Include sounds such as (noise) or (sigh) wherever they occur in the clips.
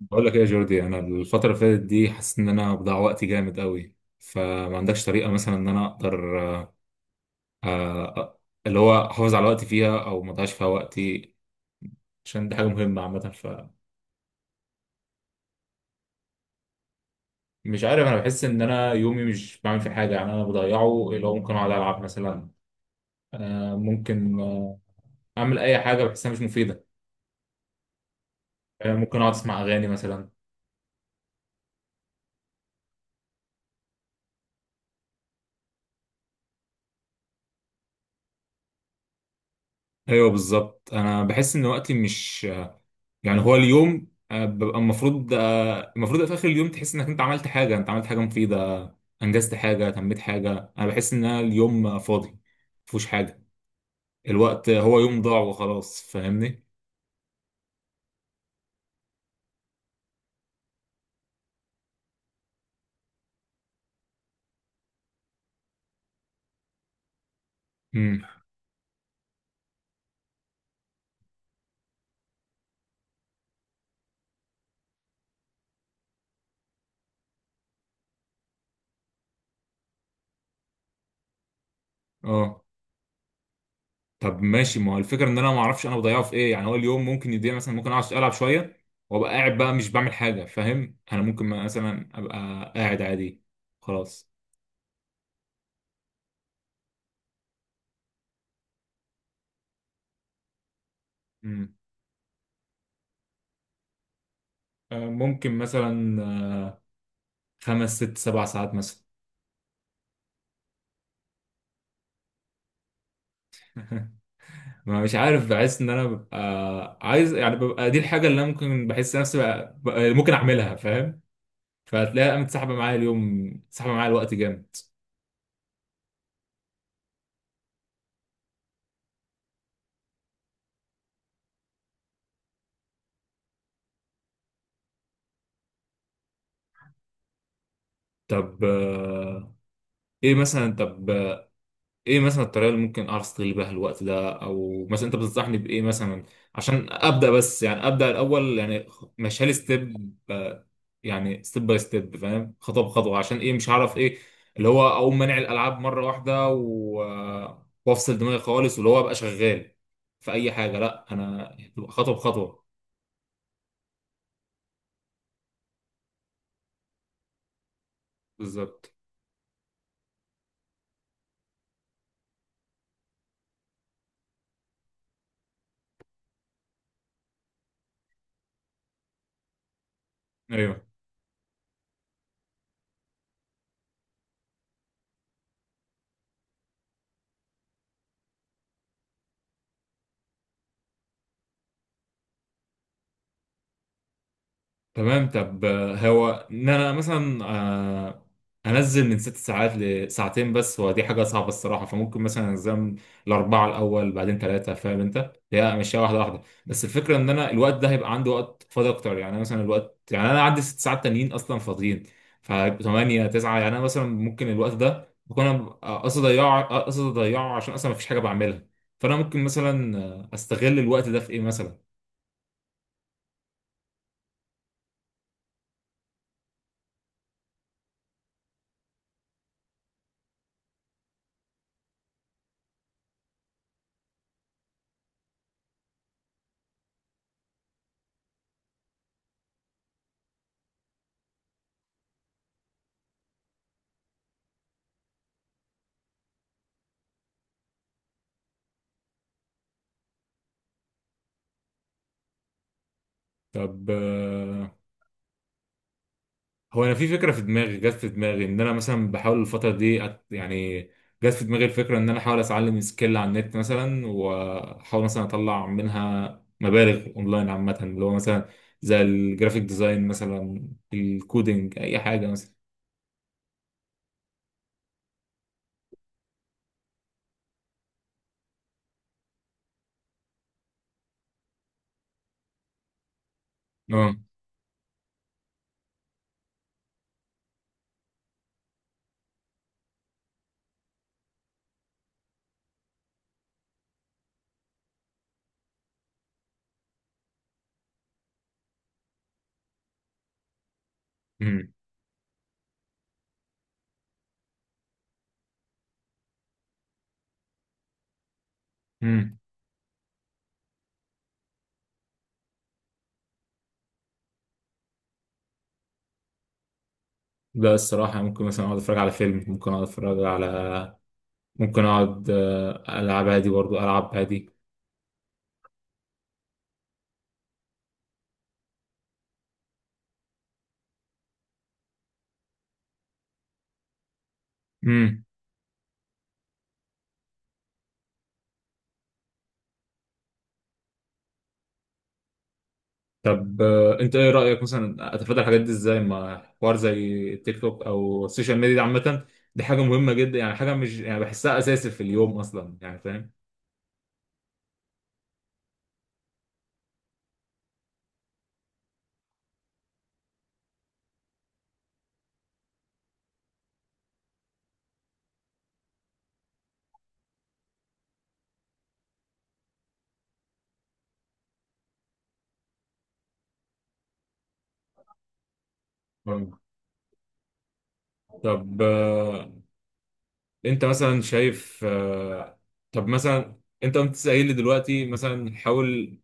بقول لك ايه يا جوردي، انا الفتره اللي فاتت دي حاسس ان انا بضيع وقتي جامد قوي. فما عندكش طريقه مثلا ان انا اقدر آه، اللي هو احافظ على وقتي فيها او ما اضيعش فيها وقتي؟ عشان دي حاجه مهمه عامه. فمش عارف، انا بحس ان انا يومي مش بعمل فيه حاجه، يعني انا بضيعه. اللي هو ممكن اقعد العب مثلا، آه، ممكن آه، اعمل اي حاجه بحسها مش مفيده. ممكن اقعد اسمع اغاني مثلا. ايوه بالظبط، انا بحس ان وقتي مش، يعني هو اليوم ببقى المفروض، المفروض في اخر اليوم تحس انك انت عملت حاجه، انت عملت حاجه مفيده، انجزت حاجه، تميت حاجه. انا بحس ان أنا اليوم فاضي، مفيهوش حاجه. الوقت هو يوم ضاع وخلاص، فاهمني؟ امم. اه، طب ماشي. ما هو الفكره ان انا ما اعرفش انا بضيعه في ايه. يعني هو اليوم ممكن يضيع، مثلا ممكن اقعد العب شويه وابقى قاعد بقى مش بعمل حاجه، فاهم؟ انا ممكن مثلا ابقى قاعد عادي، خلاص. امم، ممكن مثلا خمس ست سبع ساعات مثلا. (laughs) ما مش عارف، بحس ان انا ببقى عايز، يعني ببقى دي الحاجه اللي انا ممكن بحس نفسي ممكن اعملها، فاهم؟ فهتلاقيها قامت سحبه معايا اليوم، سحبه معايا الوقت جامد. طب ايه مثلا؟ طب ايه مثلا الطريقه اللي ممكن اعرف استغل بيها الوقت ده، او مثلا انت بتنصحني بايه مثلا؟ عشان ابدا بس، يعني ابدا الاول، يعني ماشي لي ستيب. يعني ستيب باي ستيب، فاهم؟ خطوه بخطوه. عشان ايه؟ مش هعرف ايه اللي هو اقوم مانع الالعاب مره واحده و... وافصل دماغي خالص، واللي هو ابقى شغال في اي حاجه. لا، انا هتبقى خطوه بخطوه. بالظبط. ايوه. تمام. طب هو ان انا مثلا انزل من ست ساعات لساعتين، بس هو دي حاجه صعبه الصراحه. فممكن مثلا انزل الاربعه الاول، بعدين ثلاثه، فاهم؟ انت هي مشيها واحده واحده. بس الفكره ان انا الوقت ده هيبقى عندي وقت فاضي اكتر، يعني أنا مثلا الوقت، يعني انا عندي ست ساعات تانيين اصلا فاضيين، فهيبقوا 8 9. يعني انا مثلا ممكن الوقت ده بكون انا قصدي اضيعه، قصدي اضيعه عشان اصلا مفيش حاجه بعملها. فانا ممكن مثلا استغل الوقت ده في ايه مثلا؟ طب هو انا في فكره في دماغي، جت في دماغي ان انا مثلا بحاول الفتره دي أت... يعني جت في دماغي الفكره ان انا احاول اتعلم سكيل على النت مثلا، واحاول مثلا اطلع منها مبالغ اونلاين عامه. اللي هو مثلا زي الجرافيك ديزاين مثلا، الكودينج، اي حاجه مثلا. اه. امم. امم. لا الصراحه، ممكن مثلا اقعد اتفرج على فيلم، ممكن اقعد اتفرج على، ممكن اقعد العب عادي، برضو العب عادي. طب انت ايه رأيك مثلا اتفادى الحاجات دي ازاي؟ ما حوار زي التيك توك او السوشيال ميديا دي عامة، دي حاجة مهمة جدا. يعني حاجة مش، يعني بحسها اساسي في اليوم اصلا، يعني فاهم؟ مم. طب انت مثلا شايف، طب مثلا انت قمت لي دلوقتي مثلا حاول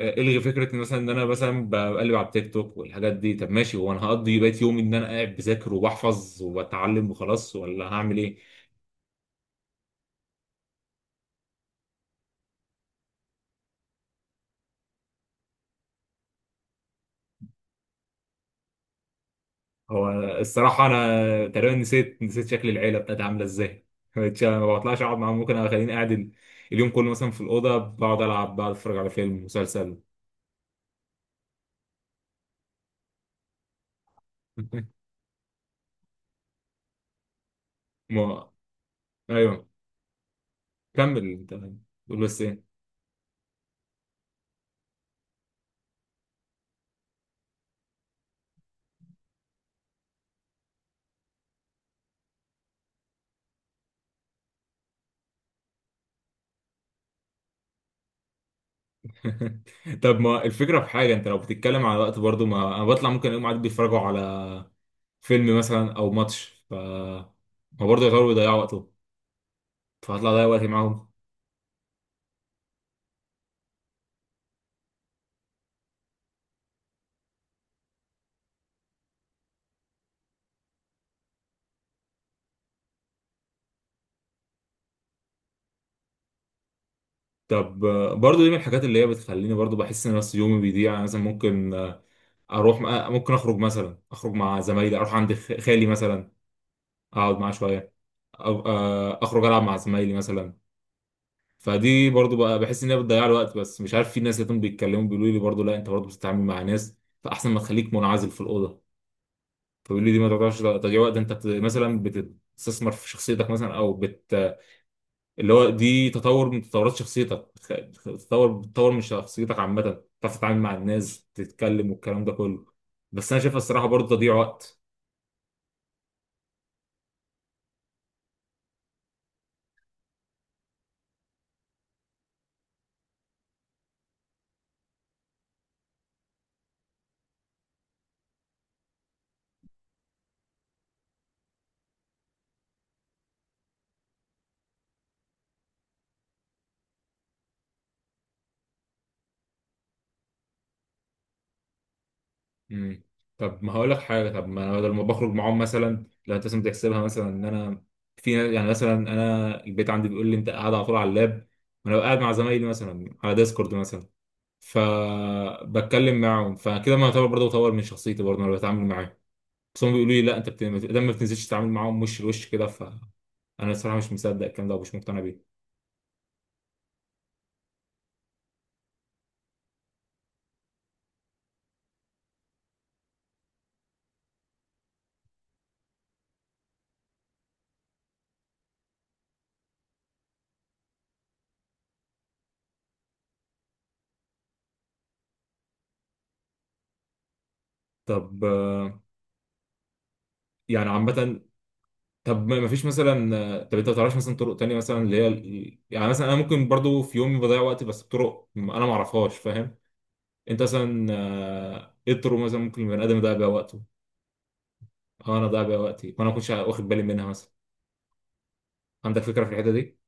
الغي فكره إن مثلا ان انا مثلا بقلب على التيك توك والحاجات دي. طب ماشي، هو انا هقضي بقيت يومي ان انا قاعد بذاكر وبحفظ وبتعلم وخلاص، ولا هعمل ايه؟ هو الصراحة، أنا تقريبا نسيت شكل العيلة بتاعتي عاملة إزاي. (laughs) ما بطلعش أقعد معاهم، ممكن أخليني قاعد اليوم كله مثلا في الأوضة، بقعد ألعب، بقعد أتفرج على فيلم، مسلسل. (laughs) ما أيوه. كمل أنت، قول بس إيه. (laughs) طب ما الفكرة في حاجة، أنت لو بتتكلم على وقت، برضو ما أنا بطلع، ممكن أقوم قاعد بيتفرجوا على فيلم مثلا أو ماتش، ف ما برضه يغيروا يضيعوا وقتهم، فهطلع أضيع وقتي معاهم. طب برضو دي من الحاجات اللي هي بتخليني برضو بحس ان نفسي يومي بيضيع. يعني مثلا ممكن آه، اروح آه، ممكن اخرج مثلا، اخرج مع زمايلي، اروح عند خالي مثلا اقعد معاه شويه، أو اخرج العب مع زمايلي مثلا. فدي برضو بقى بحس ان هي بتضيع الوقت. بس مش عارف، في ناس لقيتهم بيتكلموا بيقولوا لي برضو لا انت برضو بتتعامل مع ناس، فاحسن ما تخليك منعزل في الاوضه. فبيقولوا لي دي ما تعتبرش تضييع وقت، انت مثلا بتستثمر في شخصيتك مثلا، او بت... اللي هو دي تطور من تطورات شخصيتك بتطور من شخصيتك عامة، تعرف تتعامل مع الناس، تتكلم والكلام ده كله. بس أنا شايفها الصراحة برضه تضييع وقت. مم. طب ما هقول لك حاجة، طب ما أنا بدل ما بخرج معاهم، مثلا لو أنت مثلا بتحسبها مثلا إن أنا في يعني مثلا أنا البيت عندي بيقول لي أنت قاعد على طول على اللاب، وأنا قاعد مع زمايلي مثلا على ديسكورد مثلا، فبتكلم معاهم. فكده ما يعتبر برضه بطور من شخصيتي؟ برضه أنا بتعامل معاهم. بس هم بيقولوا لي لا انت بت... لما ما بتنزلش تتعامل معاهم وش لوش كده، فانا الصراحه مش مصدق الكلام ده ومش مقتنع بيه. طب يعني عامه، طب ما فيش مثلا، طب انت ما تعرفش مثلا طرق تانية مثلا اللي هي يعني مثلا انا ممكن برضو في يومي بضيع وقت بس بطرق انا ما اعرفهاش، فاهم؟ انت مثلا ايه الطرق مثلا ممكن البني ادم يضيع بيها وقته؟ اه انا ضيع بيها وقتي وانا ما كنتش واخد بالي منها مثلا. عندك فكره في الحته دي؟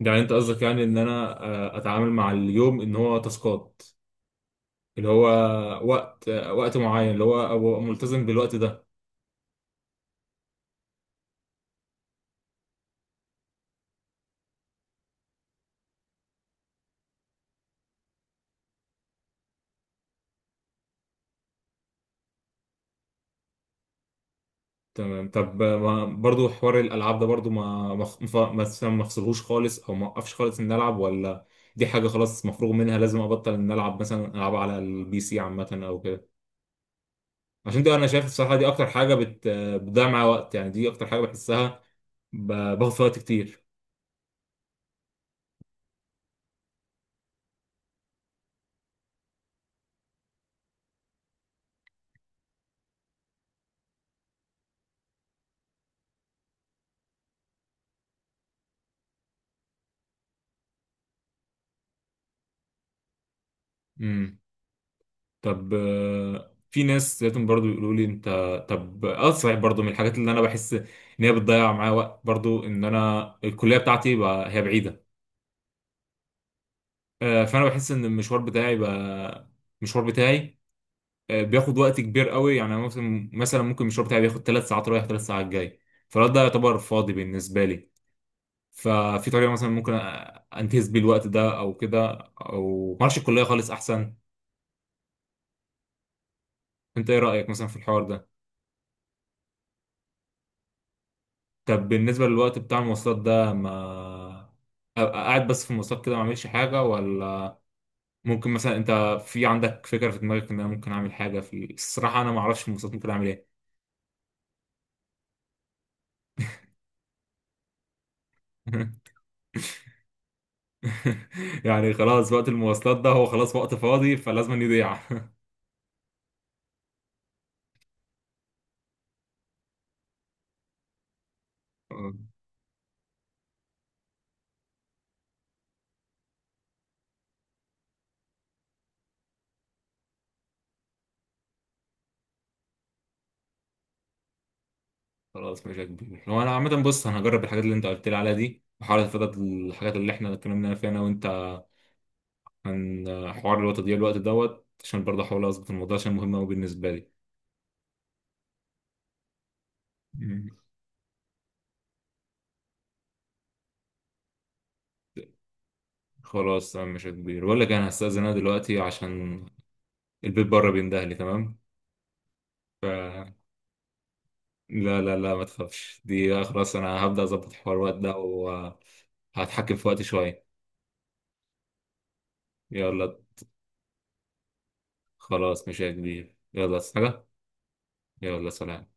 يعني انت قصدك يعني ان انا اتعامل مع اليوم ان هو تاسكات، اللي هو وقت معين، اللي هو أبقى ملتزم بالوقت ده؟ تمام. طب ما برضو حوار الألعاب ده برضو، ما مثلا ما أفصلهوش خالص؟ أو ما أوقفش خالص إن ألعب، ولا دي حاجة خلاص مفروغ منها لازم أبطل إن ألعب؟ مثلا ألعب على البي سي عامة أو كده. عشان دي أنا شايف الصراحة دي أكتر حاجة بتضيع معايا وقت. يعني دي أكتر حاجة بحسها باخد فيها وقت كتير. امم. طب في ناس لقيتهم برضو يقولوا لي انت... طب اه صحيح، برضو من الحاجات اللي انا بحس ان هي بتضيع معايا وقت، برضو ان انا الكليه بتاعتي بقى هي بعيده. فانا بحس ان المشوار بتاعي بقى، المشوار بتاعي بياخد وقت كبير قوي. يعني أنا مثلا، مثلا ممكن المشوار بتاعي بياخد ثلاث ساعات رايح ثلاث ساعات جاي، فالوقت ده يعتبر فاضي بالنسبه لي. ففي طريقه مثلا ممكن انتهز بيه الوقت ده او كده؟ او ما اعرفش، الكليه خالص احسن؟ انت ايه رايك مثلا في الحوار ده؟ طب بالنسبة للوقت بتاع المواصلات ده، ما أبقى قاعد بس في المواصلات كده ما اعملش حاجة؟ ولا ممكن مثلا انت في عندك فكرة في دماغك ان انا ممكن اعمل حاجة؟ في الصراحة انا ما اعرفش في المواصلات ممكن اعمل ايه. (laughs) يعني خلاص وقت المواصلات ده، هو خلاص وقت فاضي فلازم يضيع. (laughs) خلاص ماشي يا كبير. هو انا عامة، بص انا هجرب الحاجات اللي انت قلت لي عليها دي، وحاول اتفادى الحاجات اللي احنا اتكلمنا فيها انا وانت عن حوار الوقت دي، الوقت دوت، عشان برضه احاول اظبط الموضوع عشان مهم قوي بالنسبة لي. خلاص تمام مش كبير، بقول لك انا هستأذن انا دلوقتي عشان البيت بره بيندهلي. تمام، ف لا لا لا ما تخافش، دي خلاص انا هبدأ اظبط حوار الوقت ده وهتحكم في وقتي شوية. يلا خلاص مش كبير، يلا عايز حاجة؟ يلا سلام.